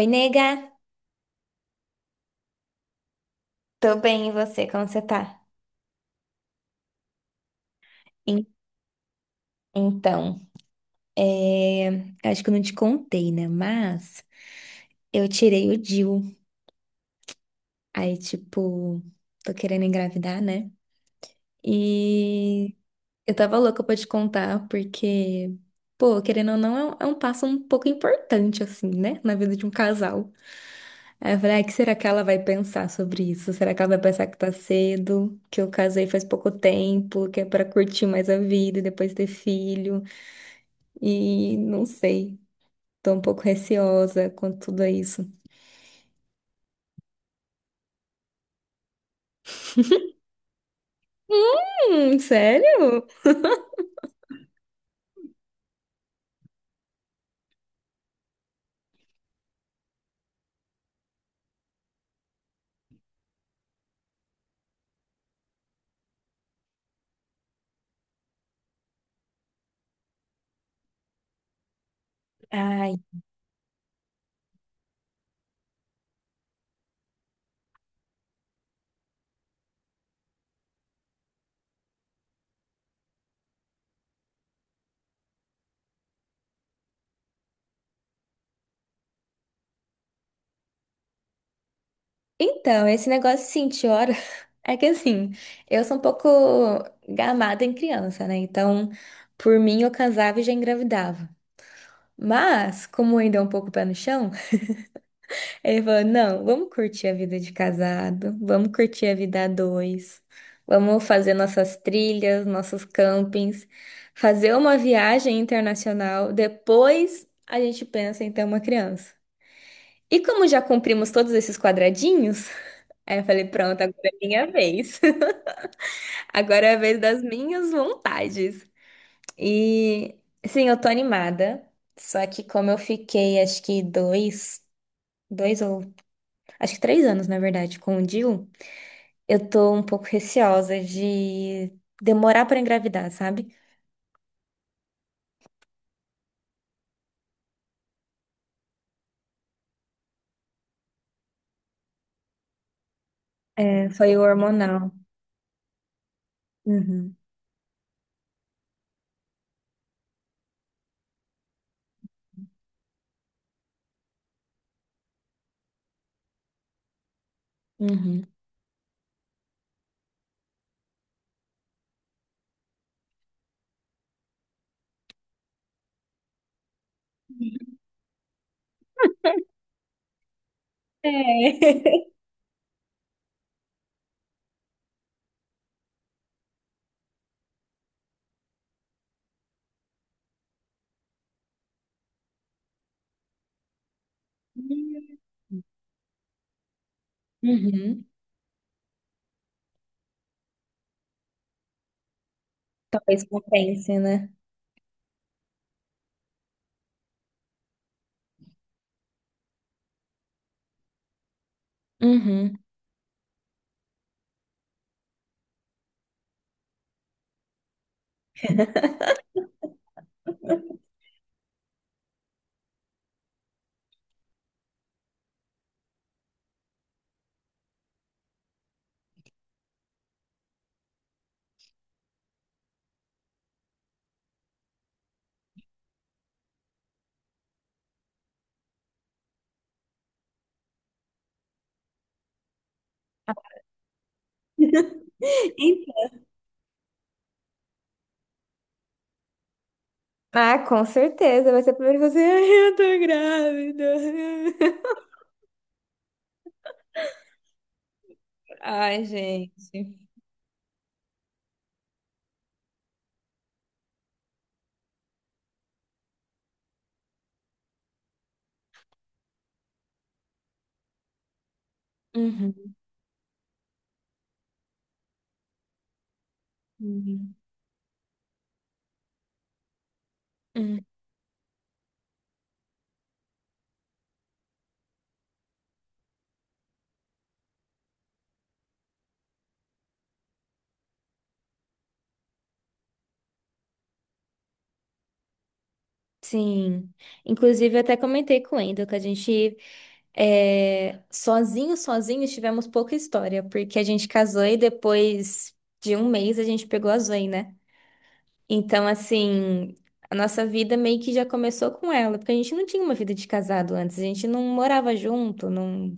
Oi, nega. Tô bem, e você? Como você tá? En- Então, é, Acho que eu não te contei, né? Mas eu tirei o DIU. Aí, tipo, tô querendo engravidar, né? E eu tava louca pra te contar, porque, pô, querendo ou não, é um passo um pouco importante, assim, né? Na vida de um casal. Aí eu falei, ah, o que será que ela vai pensar sobre isso? Será que ela vai pensar que tá cedo, que eu casei faz pouco tempo, que é pra curtir mais a vida e depois ter filho? E não sei, tô um pouco receosa com tudo isso. Sério? Ai, então, esse negócio assim de sentir hora é que assim, eu sou um pouco gamada em criança, né? Então, por mim, eu casava e já engravidava. Mas, como ainda é um pouco pé no chão, ele falou: não, vamos curtir a vida de casado, vamos curtir a vida a dois, vamos fazer nossas trilhas, nossos campings, fazer uma viagem internacional, depois a gente pensa em ter uma criança. E como já cumprimos todos esses quadradinhos, aí eu falei: pronto, agora é minha vez. Agora é a vez das minhas vontades. E sim, eu tô animada, só que como eu fiquei, acho que dois, dois ou acho que 3 anos, na verdade, com o Dil. Eu tô um pouco receosa de demorar pra engravidar, sabe? É, foi o hormonal. Uhum, uhum. É. Uhum. Talvez compense, né? Uhum. Então. Ah, com certeza. Vai ser primeiro você. Ai, eu tô grávida. Ai, gente. Uhum. Uhum. Uhum. Sim. Inclusive, eu até comentei com o Wendel que a gente, é, sozinho, tivemos pouca história, porque a gente casou e depois de 1 mês a gente pegou a Zoe, né? Então, assim, a nossa vida meio que já começou com ela, porque a gente não tinha uma vida de casado antes, a gente não morava junto,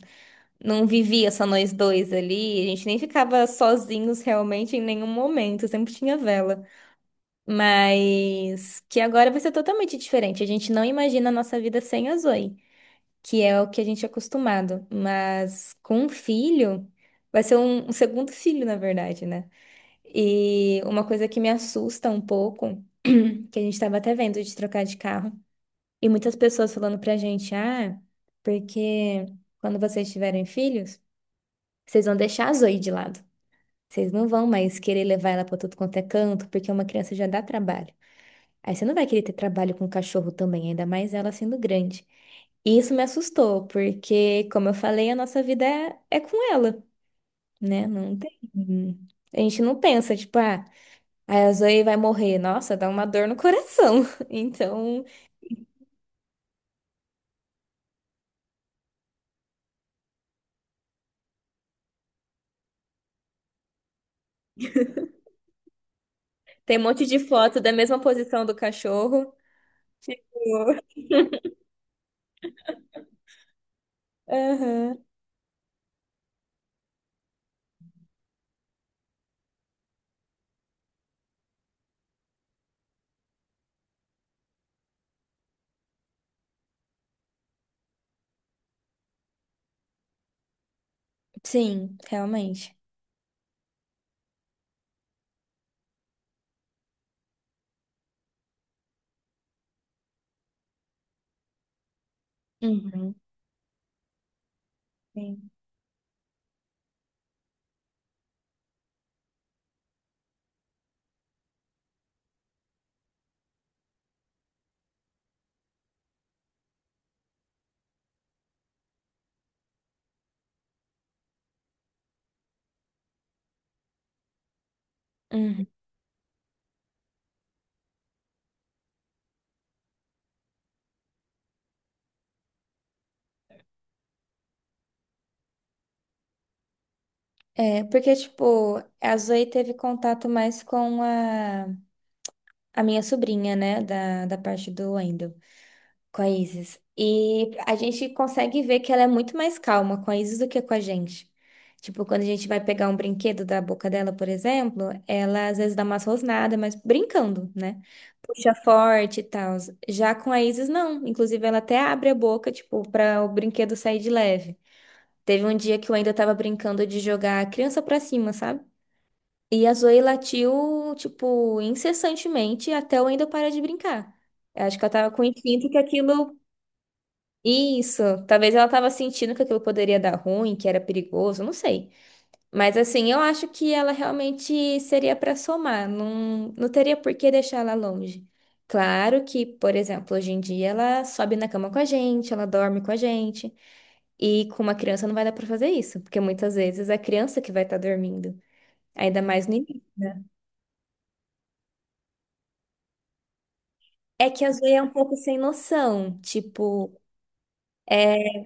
não vivia só nós dois ali, a gente nem ficava sozinhos realmente em nenhum momento, sempre tinha vela. Mas que agora vai ser totalmente diferente. A gente não imagina a nossa vida sem a Zoe, que é o que a gente é acostumado. Mas com um filho, vai ser um segundo filho, na verdade, né? E uma coisa que me assusta um pouco, que a gente estava até vendo de trocar de carro, e muitas pessoas falando pra gente, ah, porque quando vocês tiverem filhos, vocês vão deixar a Zoe de lado. Vocês não vão mais querer levar ela pra tudo quanto é canto, porque uma criança já dá trabalho. Aí você não vai querer ter trabalho com cachorro também, ainda mais ela sendo grande. E isso me assustou, porque, como eu falei, a nossa vida é com ela, né? Não tem. A gente não pensa, tipo, ah, a Zoe vai morrer. Nossa, dá uma dor no coração. Então, tem um monte de foto da mesma posição do cachorro. Tipo, aham. Sim, realmente. Uhum. Sim. Uhum. É, porque, tipo, a Zoe teve contato mais com a. A minha sobrinha, né, da parte do Wendel, com a Isis. E a gente consegue ver que ela é muito mais calma com a Isis do que com a gente. Tipo, quando a gente vai pegar um brinquedo da boca dela, por exemplo, ela às vezes dá umas rosnadas, mas brincando, né? Puxa forte e tal. Já com a Isis, não. Inclusive, ela até abre a boca, tipo, para o brinquedo sair de leve. Teve um dia que o Wendel tava brincando de jogar a criança pra cima, sabe? E a Zoe latiu, tipo, incessantemente até eu ainda parar de brincar. Eu acho que ela tava com instinto que aquilo. Isso. Talvez ela tava sentindo que aquilo poderia dar ruim, que era perigoso, não sei. Mas assim, eu acho que ela realmente seria pra somar. Não, teria por que deixar ela longe. Claro que, por exemplo, hoje em dia ela sobe na cama com a gente, ela dorme com a gente. E com uma criança não vai dar pra fazer isso, porque muitas vezes é a criança que vai estar dormindo. Ainda mais no início. Né? É que a Zoe é um pouco sem noção. Tipo, é,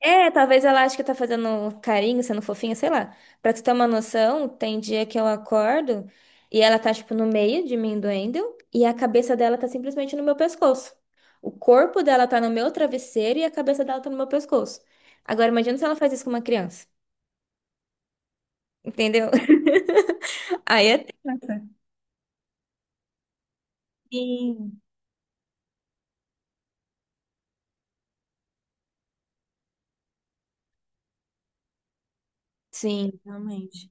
talvez ela ache que tá fazendo carinho, sendo fofinha, sei lá. Pra tu ter uma noção, tem dia que eu acordo e ela tá, tipo, no meio de mim, do Wendel, e a cabeça dela tá simplesmente no meu pescoço. O corpo dela tá no meu travesseiro e a cabeça dela tá no meu pescoço. Agora, imagina se ela faz isso com uma criança. Entendeu? Aí é. Nossa. Sim, sim, realmente.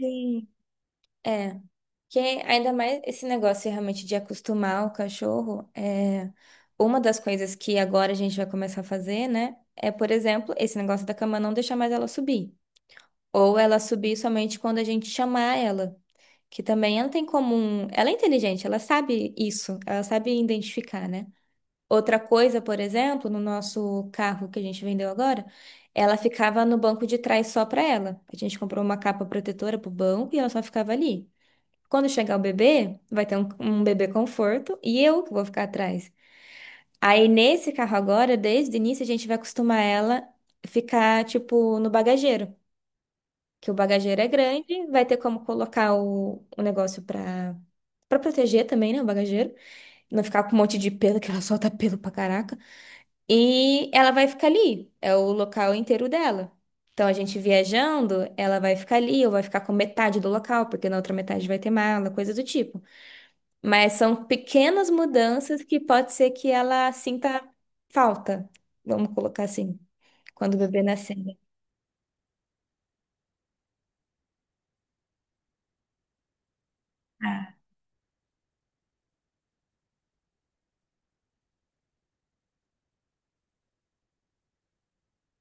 Sim. É. Que ainda mais esse negócio realmente de acostumar o cachorro, é uma das coisas que agora a gente vai começar a fazer, né? É, por exemplo, esse negócio da cama não deixar mais ela subir. Ou ela subir somente quando a gente chamar ela. Que também ela tem comum. Ela é inteligente, ela sabe isso, ela sabe identificar, né? Outra coisa, por exemplo, no nosso carro que a gente vendeu agora, ela ficava no banco de trás só pra ela. A gente comprou uma capa protetora pro banco e ela só ficava ali. Quando chegar o bebê, vai ter um bebê conforto e eu que vou ficar atrás. Aí nesse carro agora, desde o início, a gente vai acostumar ela ficar, tipo, no bagageiro. Que o bagageiro é grande, vai ter como colocar o negócio pra, pra proteger também, né? O bagageiro. Não ficar com um monte de pelo, que ela solta pelo pra caraca. E ela vai ficar ali. É o local inteiro dela. Então, a gente viajando, ela vai ficar ali, ou vai ficar com metade do local, porque na outra metade vai ter mala, coisa do tipo. Mas são pequenas mudanças que pode ser que ela sinta falta, vamos colocar assim, quando o bebê nascer. Ah.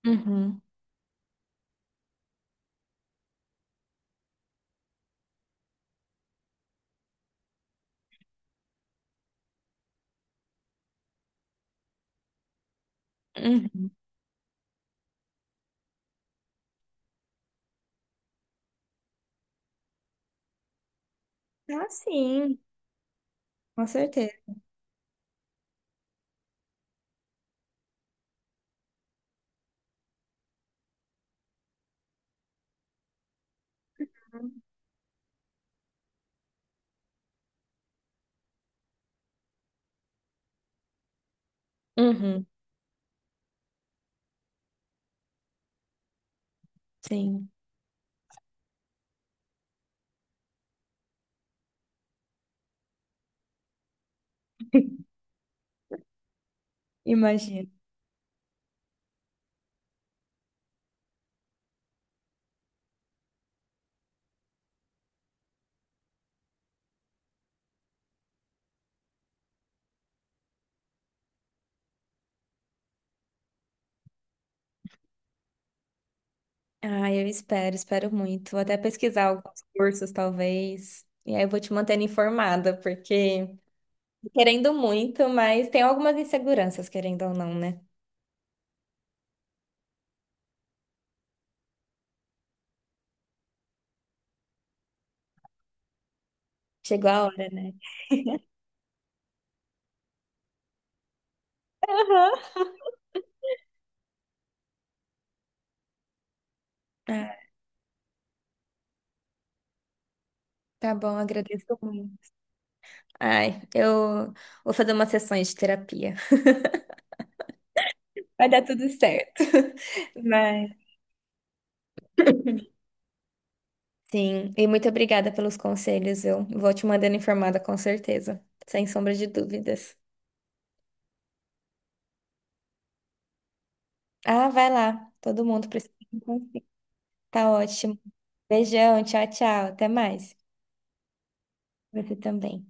Uhum, uhum. Ah, sim, com certeza. Uhum, sim, imagino. Ah, eu espero, espero muito. Vou até pesquisar alguns cursos, talvez. E aí eu vou te mantendo informada, porque tô querendo muito, mas tem algumas inseguranças, querendo ou não, né? Chegou a hora, né? Aham. Ah, tá bom, agradeço muito. Ai, eu vou fazer umas sessões de terapia. Vai dar tudo certo. Mas, sim, e muito obrigada pelos conselhos. Eu vou te mandando informada com certeza, sem sombra de dúvidas. Ah, vai lá. Todo mundo precisa. De um conselho. Tá ótimo. Beijão, tchau, tchau. Até mais. Você também.